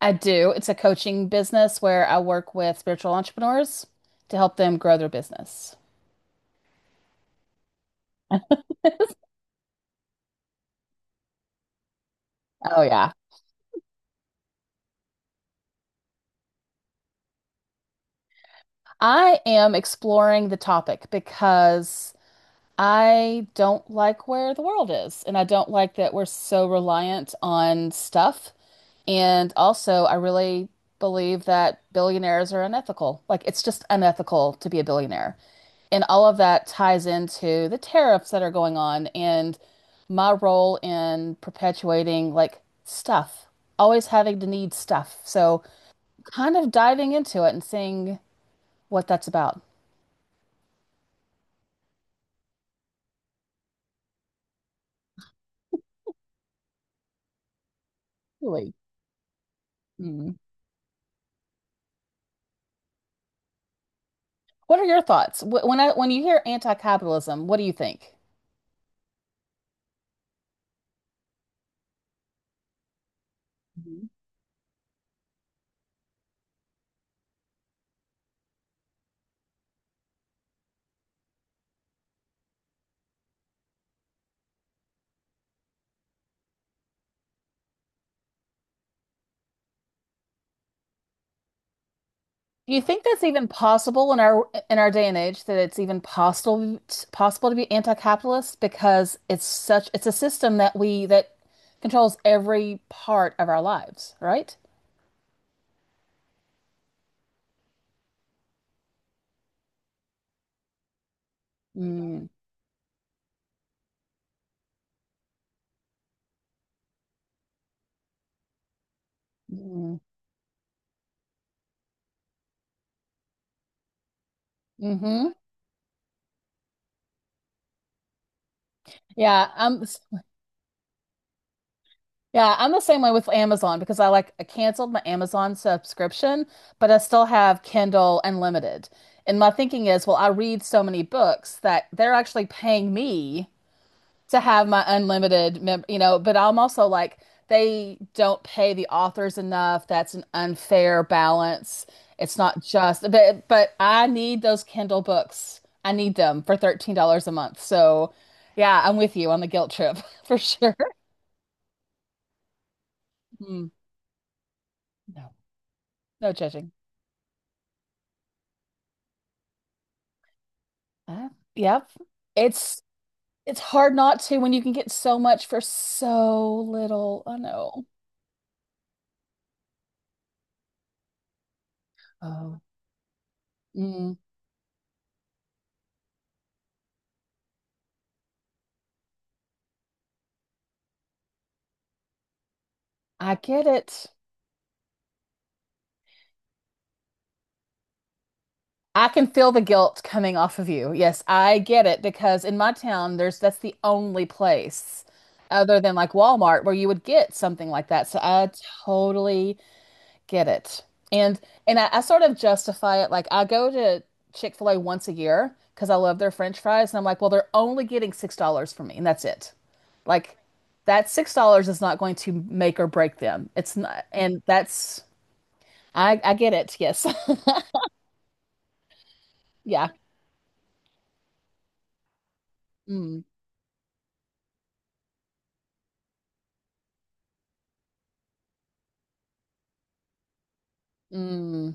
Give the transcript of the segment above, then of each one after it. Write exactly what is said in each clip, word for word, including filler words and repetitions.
I do. It's a coaching business where I work with spiritual entrepreneurs to help them grow their business. Oh, yeah. I am exploring the topic because I don't like where the world is, and I don't like that we're so reliant on stuff. And also, I really believe that billionaires are unethical. Like, it's just unethical to be a billionaire. And all of that ties into the tariffs that are going on and my role in perpetuating like stuff, always having to need stuff. So kind of diving into it and seeing what that's about. Really? Mm. What are your thoughts? Wh- When I, when you hear anti-capitalism, what do you think? Do you think that's even possible in our in our day and age that it's even possible possible to be anti-capitalist because it's such it's a system that we that controls every part of our lives, right? Mm, mm, mm-hmm. Yeah, I'm yeah, I'm the same way with Amazon because I like I canceled my Amazon subscription, but I still have Kindle Unlimited. And my thinking is, well, I read so many books that they're actually paying me to have my unlimited mem you know, but I'm also like they don't pay the authors enough. That's an unfair balance. It's not just, but but I need those Kindle books. I need them for thirteen dollars a month. So, yeah, I'm with you on the guilt trip for sure. Mm, no, no judging. Uh, yep. It's it's hard not to when you can get so much for so little. I know. Oh. Mm, I get it. I can feel the guilt coming off of you. Yes, I get it because in my town, there's that's the only place other than like Walmart where you would get something like that. So I totally get it. And and I, I sort of justify it like I go to Chick-fil-A once a year because I love their French fries, and I'm like, well, they're only getting six dollars from me, and that's it. Like that six dollars is not going to make or break them. It's not, and that's I I get it. Yes, yeah. Mm, mm,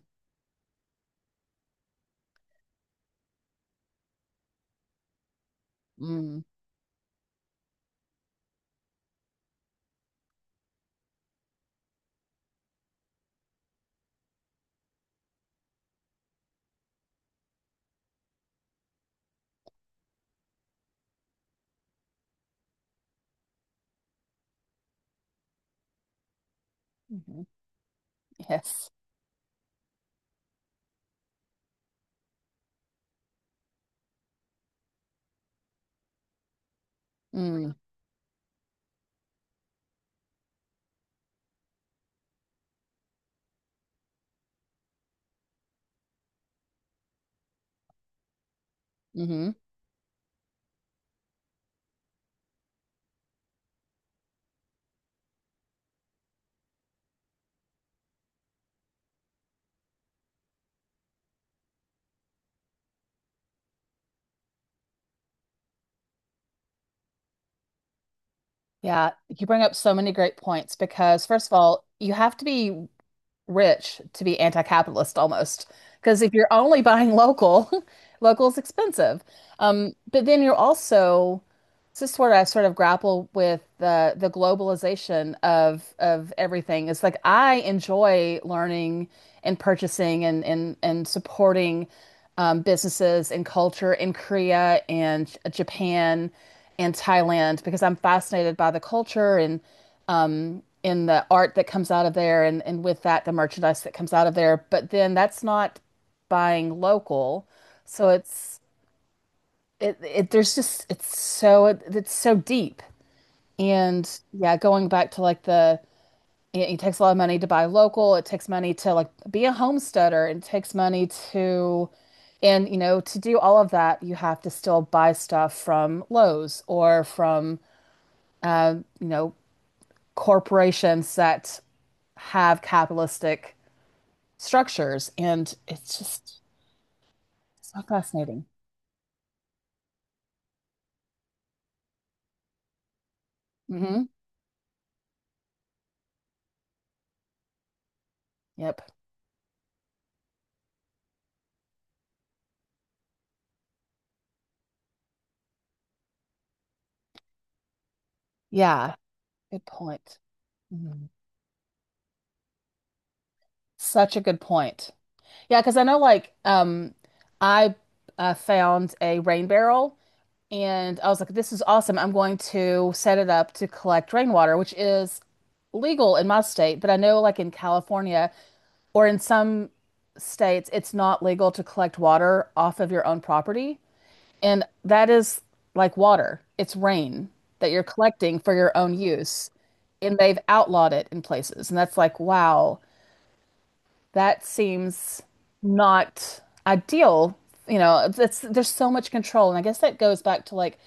mm. Hmm. Yes. Mm, hmm. Yeah, you bring up so many great points because, first of all, you have to be rich to be anti-capitalist almost. Because if you're only buying local, local is expensive. Um, but then you're also, This is sort of I sort of grapple with the the globalization of of everything. It's like I enjoy learning and purchasing and and and supporting um, businesses and culture in Korea and Japan and Thailand because I'm fascinated by the culture and um, in the art that comes out of there and and with that the merchandise that comes out of there. But then that's not buying local, so it's it, it there's just it's so it's so deep, and yeah, going back to like the it, takes a lot of money to buy local, it takes money to like be a homesteader, it takes money to, and you know to do all of that, you have to still buy stuff from Lowe's or from you know corporations that have capitalistic structures, and it's just so fascinating. Hmm. Yep. Yeah. Good point. Mhm. Such a good point. Yeah, because I know, like, um I uh, found a rain barrel and I was like, this is awesome. I'm going to set it up to collect rainwater, which is legal in my state, but I know like in California or in some states, it's not legal to collect water off of your own property. And that is like water. It's rain that you're collecting for your own use. And they've outlawed it in places. And that's like, wow, that seems not ideal. You know, it's, there's so much control, and I guess that goes back to like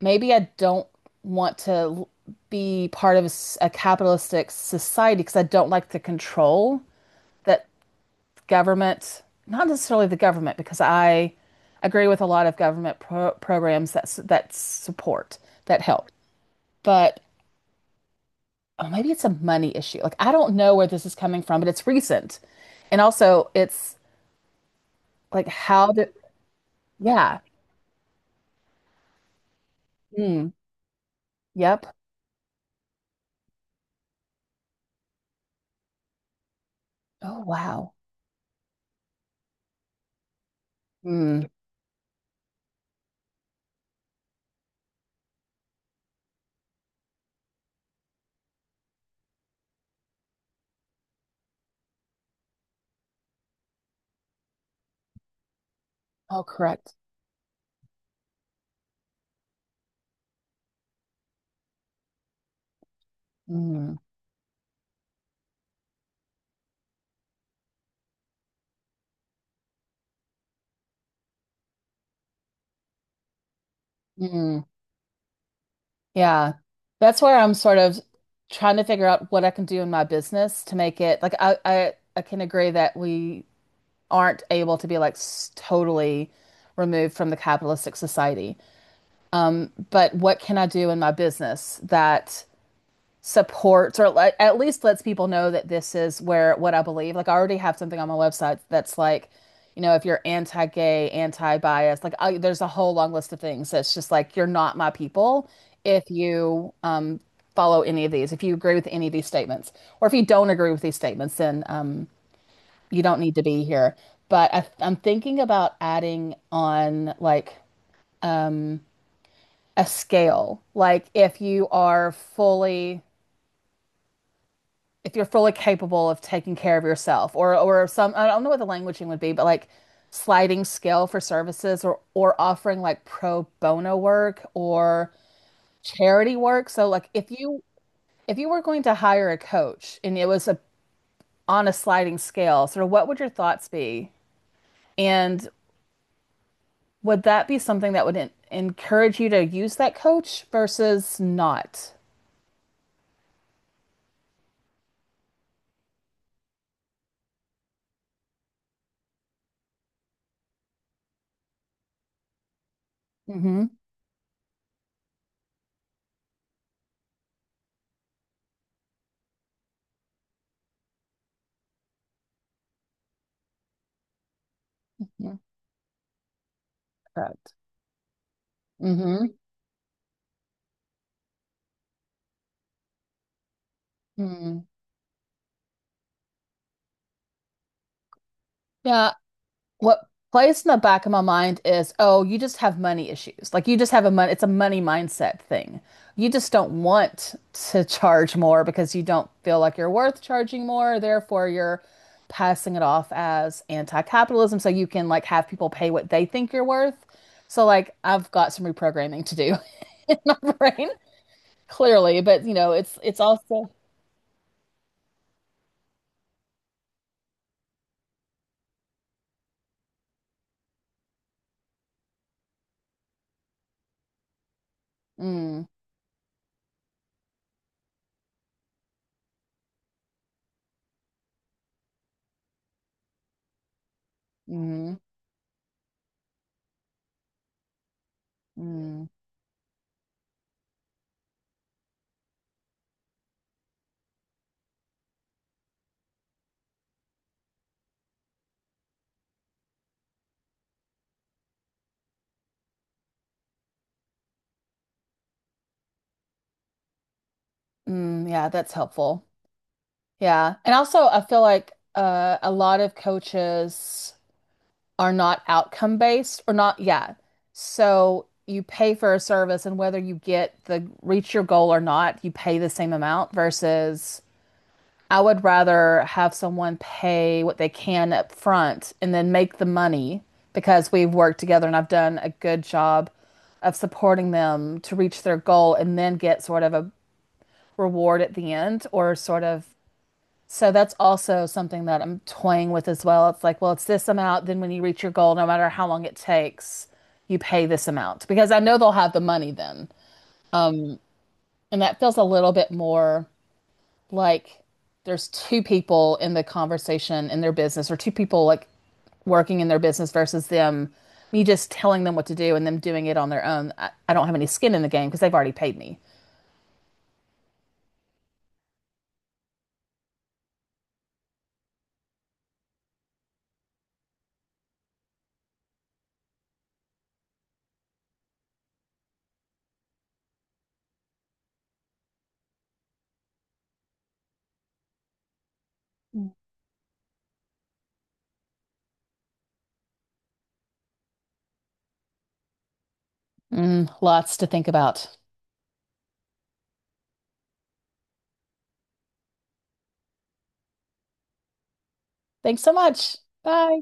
maybe I don't want to be part of a capitalistic society because I don't like the control that government, not necessarily the government, because I agree with a lot of government pro programs that that support, that help, but oh, maybe it's a money issue. Like I don't know where this is coming from, but it's recent, and also it's like, how do Yeah. Mm. Yep. Oh, wow. Mm. Oh, correct. Mm. Mm. Yeah. That's where I'm sort of trying to figure out what I can do in my business to make it like I I, I can agree that we aren't able to be like s- totally removed from the capitalistic society. Um, but what can I do in my business that supports or le- at least lets people know that this is where, what I believe. Like I already have something on my website that's like, you know, if you're anti-gay, anti-bias, like I, there's a whole long list of things that's just like you're not my people if you um, follow any of these, if you agree with any of these statements, or if you don't agree with these statements, then um, you don't need to be here. But I, I'm thinking about adding on like a scale, like if you are fully if you're fully capable of taking care of yourself or or some, I don't know what the languaging would be, but like sliding scale for services or or offering like pro bono work or charity work. So like if you if you were going to hire a coach and it was a on a sliding scale, sort of, what would your thoughts be? And would that be something that would en encourage you to use that coach versus not? Mm-hmm. Correct. Mm-hmm. Mm-hmm. Yeah, what plays in the back of my mind is, oh, you just have money issues. Like you just have a money, it's a money mindset thing. You just don't want to charge more because you don't feel like you're worth charging more. Therefore, you're passing it off as anti-capitalism so you can like have people pay what they think you're worth. So like I've got some reprogramming to do in my brain, clearly, but you know, it's it's also mm, mm, mm, mm, yeah, that's helpful. Yeah. And also, I feel like uh, a lot of coaches are not outcome based or not, yeah. So you pay for a service, and whether you get the reach your goal or not, you pay the same amount versus I would rather have someone pay what they can up front and then make the money because we've worked together and I've done a good job of supporting them to reach their goal and then get sort of a reward at the end, or sort of, so that's also something that I'm toying with as well. It's like, well, it's this amount. Then when you reach your goal, no matter how long it takes, you pay this amount because I know they'll have the money then. And that feels a little bit more like there's two people in the conversation in their business, or two people like working in their business versus them, me just telling them what to do and them doing it on their own. I, I don't have any skin in the game because they've already paid me. Mm, lots to think about. Thanks so much. Bye.